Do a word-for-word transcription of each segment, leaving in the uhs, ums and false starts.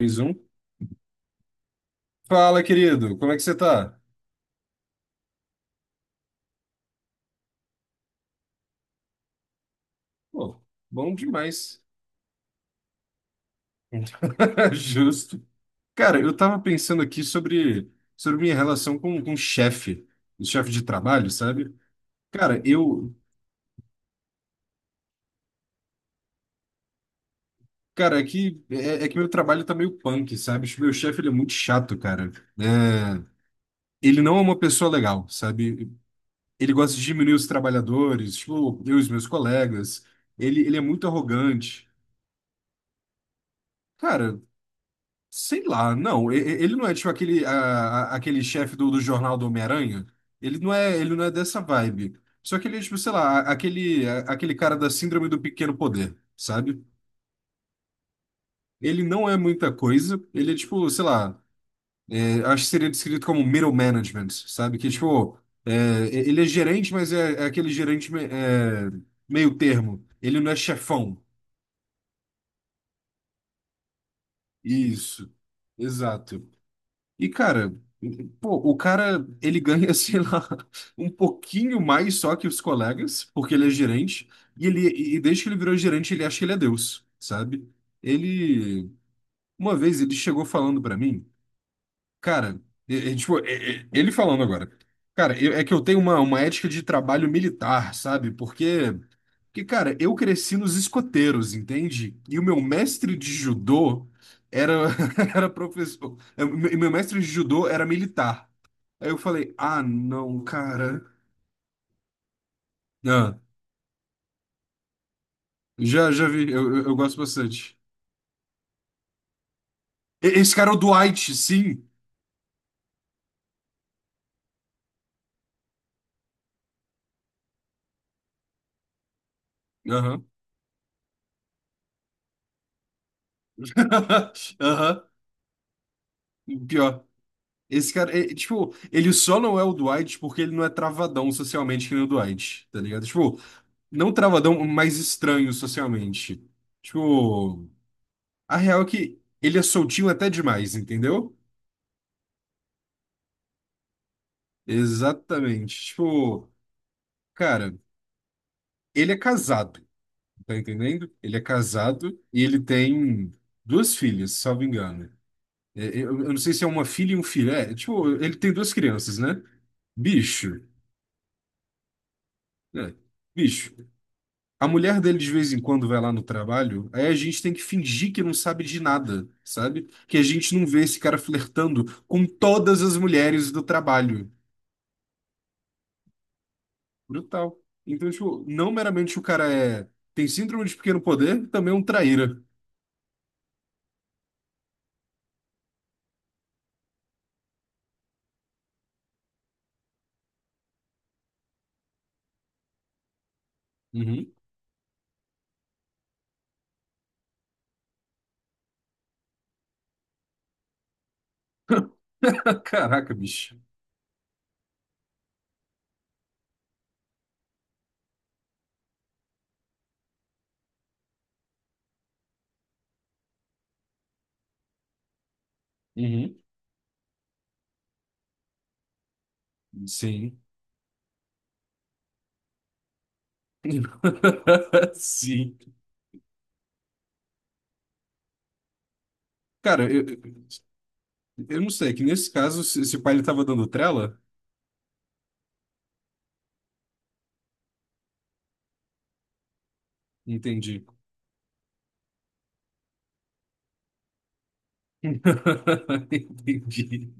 Mais um. Fala, querido, como é que você tá? Pô, bom demais. Justo. Cara, eu tava pensando aqui sobre, sobre minha relação com, com chefe, o chefe de trabalho, sabe? Cara, eu. Cara, é que, é, é que meu trabalho tá meio punk, sabe? Tipo, meu chefe, ele é muito chato, cara. É, ele não é uma pessoa legal, sabe? Ele gosta de diminuir os trabalhadores, tipo, eu e os meus colegas. Ele, ele é muito arrogante. Cara, sei lá, não. e- e- Ele não é tipo aquele, a- a- aquele chefe do, do jornal do Homem-Aranha. Ele não é, ele não é dessa vibe. Só que ele é, tipo, sei lá, a- aquele, a- aquele cara da síndrome do pequeno poder, sabe? Ele não é muita coisa. Ele é, tipo, sei lá, é, acho que seria descrito como middle management, sabe? Que, tipo, é, e- ele é gerente, mas é, é aquele gerente me- é, meio termo. Ele não é chefão. Isso, exato. E, cara, pô, o cara, ele ganha, sei lá, um pouquinho mais só que os colegas, porque ele é gerente, e ele, e desde que ele virou gerente, ele acha que ele é Deus, sabe? Ele, uma vez, ele chegou falando pra mim. Cara, e- e, tipo, e- e- ele falando agora. Cara, eu- é que eu tenho uma, uma ética de trabalho militar, sabe? Porque, porque, cara, eu cresci nos escoteiros, entende? E o meu mestre de judô era, era professor. E meu meu mestre de judô era militar. Aí eu falei, ah, não, cara. Ah, já, já vi, eu, eu, eu gosto bastante. E- Esse cara é o Dwight, sim. Aham. Aham. Pior. Esse cara, é, tipo, ele só não é o Dwight porque ele não é travadão socialmente que nem o Dwight, tá ligado? Tipo, não travadão, mas estranho socialmente. Tipo, a real é que ele é soltinho até demais, entendeu? Exatamente. Tipo, cara, ele é casado, tá entendendo? Ele é casado e ele tem duas filhas, salvo engano. É, é, Eu, eu não sei se é uma filha e um filho. É, tipo, ele tem duas crianças, né? Bicho. É, bicho. A mulher dele de vez em quando vai lá no trabalho, aí a gente tem que fingir que não sabe de nada, sabe? Que a gente não vê esse cara flertando com todas as mulheres do trabalho. Brutal. Então, tipo, não meramente o cara é tem síndrome de pequeno poder, também é um traíra. Uhum. Caraca, bicho. Uhum. Sim. Sim. Cara, eu, eu não sei, é que nesse caso, se, se o pai ele tava dando trela, entendi. Entendi.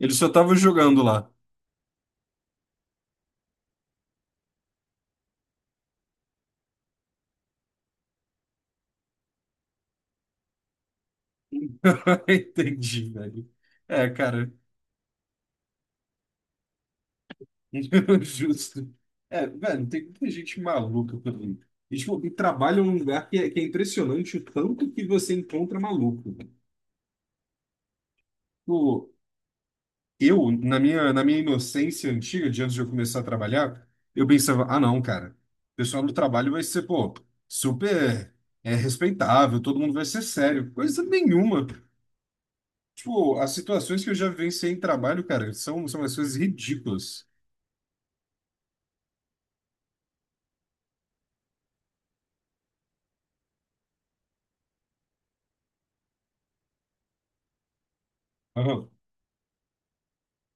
Ele só tava jogando lá. Entendi, velho. É, cara, justo. É, velho, tem muita gente maluca por aí. E, tipo, e trabalha num lugar que é, que é impressionante o tanto que você encontra maluco. Tipo, eu, na minha, na minha inocência antiga, de antes de eu começar a trabalhar, eu pensava, ah, não, cara, o pessoal do trabalho vai ser, pô, super é, respeitável, todo mundo vai ser sério. Coisa nenhuma. Tipo, as situações que eu já vivenciei em trabalho, cara, são, são as coisas ridículas.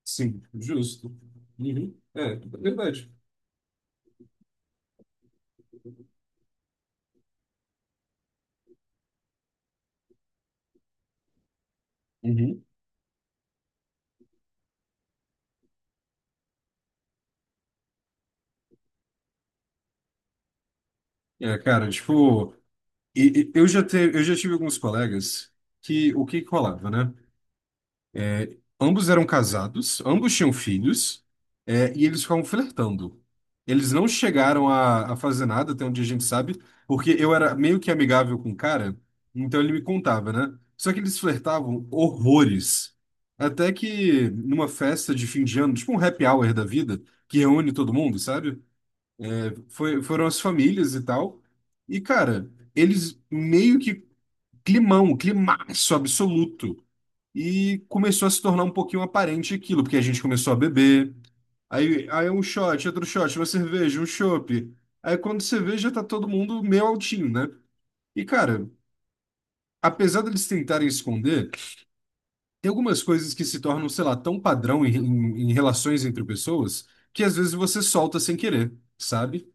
Sim, justo. Uhum. É, é verdade. Uhum. É, cara, tipo, e- e- eu já te, eu já tive alguns colegas que o que que rolava, né? É, ambos eram casados, ambos tinham filhos, é, e eles ficavam flertando. Eles não chegaram a, a fazer nada, até onde a gente sabe, porque eu era meio que amigável com o cara, então ele me contava, né? Só que eles flertavam horrores. Até que numa festa de fim de ano, tipo um happy hour da vida, que reúne todo mundo, sabe? Foi- foram as famílias e tal. E, cara, eles meio que climão, climaço absoluto. E começou a se tornar um pouquinho aparente aquilo, porque a gente começou a beber. Aí, aí é um shot, outro shot, uma cerveja, um chopp. Aí quando você vê, já tá todo mundo meio altinho, né? E cara, apesar deles tentarem esconder, tem algumas coisas que se tornam, sei lá, tão padrão em, em, em relações entre pessoas, que às vezes você solta sem querer, sabe?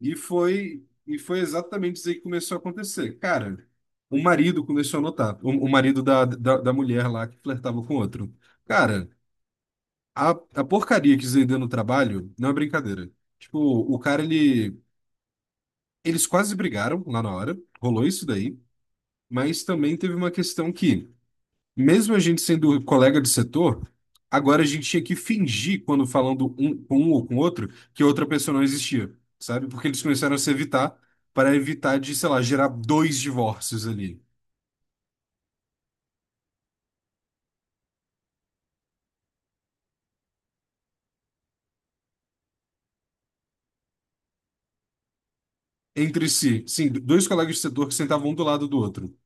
E foi, e foi exatamente isso aí que começou a acontecer. Cara, o marido começou a notar, o, o marido da, da, da mulher lá que flertava com o outro. Cara. A, a porcaria que Zaydan no trabalho não é brincadeira. Tipo, o cara, ele. Eles quase brigaram lá na hora, rolou isso daí, mas também teve uma questão que, mesmo a gente sendo colega de setor, agora a gente tinha que fingir quando falando um com um ou com outro que outra pessoa não existia, sabe? Porque eles começaram a se evitar para evitar de, sei lá, gerar dois divórcios ali entre si. Sim, dois colegas de setor que sentavam um do lado do outro.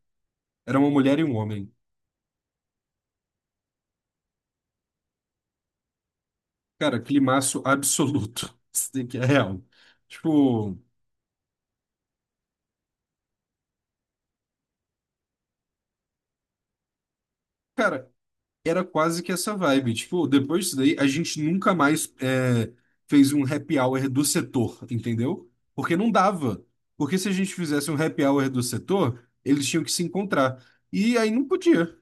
Era uma mulher e um homem. Cara, climaço absoluto. Isso daqui é real. Tipo, cara, era quase que essa vibe. Tipo, depois disso daí, a gente nunca mais é, fez um happy hour do setor, entendeu? Porque não dava. Porque se a gente fizesse um happy hour do setor, eles tinham que se encontrar. E aí não podia.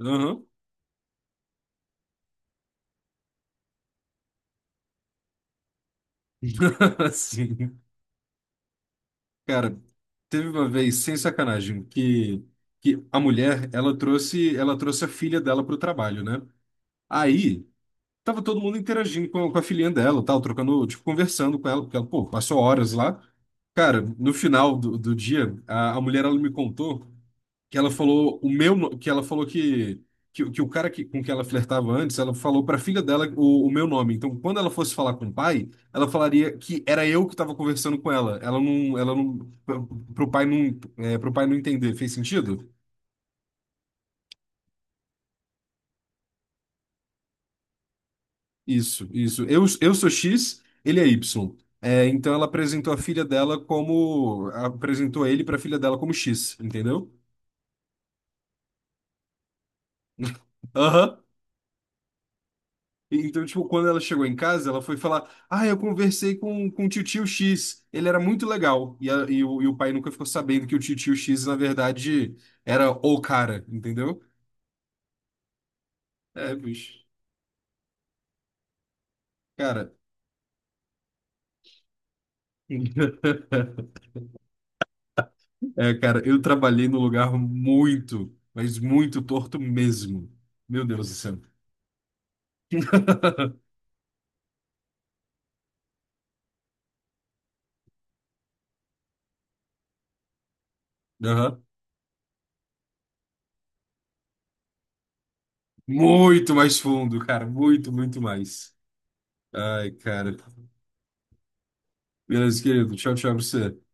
Aham. Sim. Cara, teve uma vez, sem sacanagem, que, que a mulher, ela trouxe, ela trouxe a filha dela pro trabalho, né? Aí. Tava todo mundo interagindo com, com a filhinha dela, tal, trocando, tipo, conversando com ela, porque ela, pô, passou horas lá. Cara, no final do, do dia, a, a mulher, ela me contou que ela falou o meu, no- que ela falou que, que, que o cara que, com que ela flertava antes, ela falou pra filha dela o, o meu nome. Então, quando ela fosse falar com o pai, ela falaria que era eu que tava conversando com ela. Ela não, ela não, pro pro pai não, é, pro pai não entender. Fez sentido? Isso, isso. Eu, eu sou X, ele é Y. É, então ela apresentou a filha dela como. Apresentou ele pra filha dela como X, entendeu? Aham. E- Então, tipo, quando ela chegou em casa, ela foi falar: Ah, eu conversei com, com o tio X, ele era muito legal. E, a- e o, e o pai nunca ficou sabendo que o tio X, na verdade, era o cara, entendeu? É, bicho. Cara. É, cara, eu trabalhei num lugar muito, mas muito torto mesmo. Meu Deus do céu. Aham. Muito mais fundo, cara. Muito, muito mais. Ai, cara. Beleza, querido. Tchau, tchau pra você.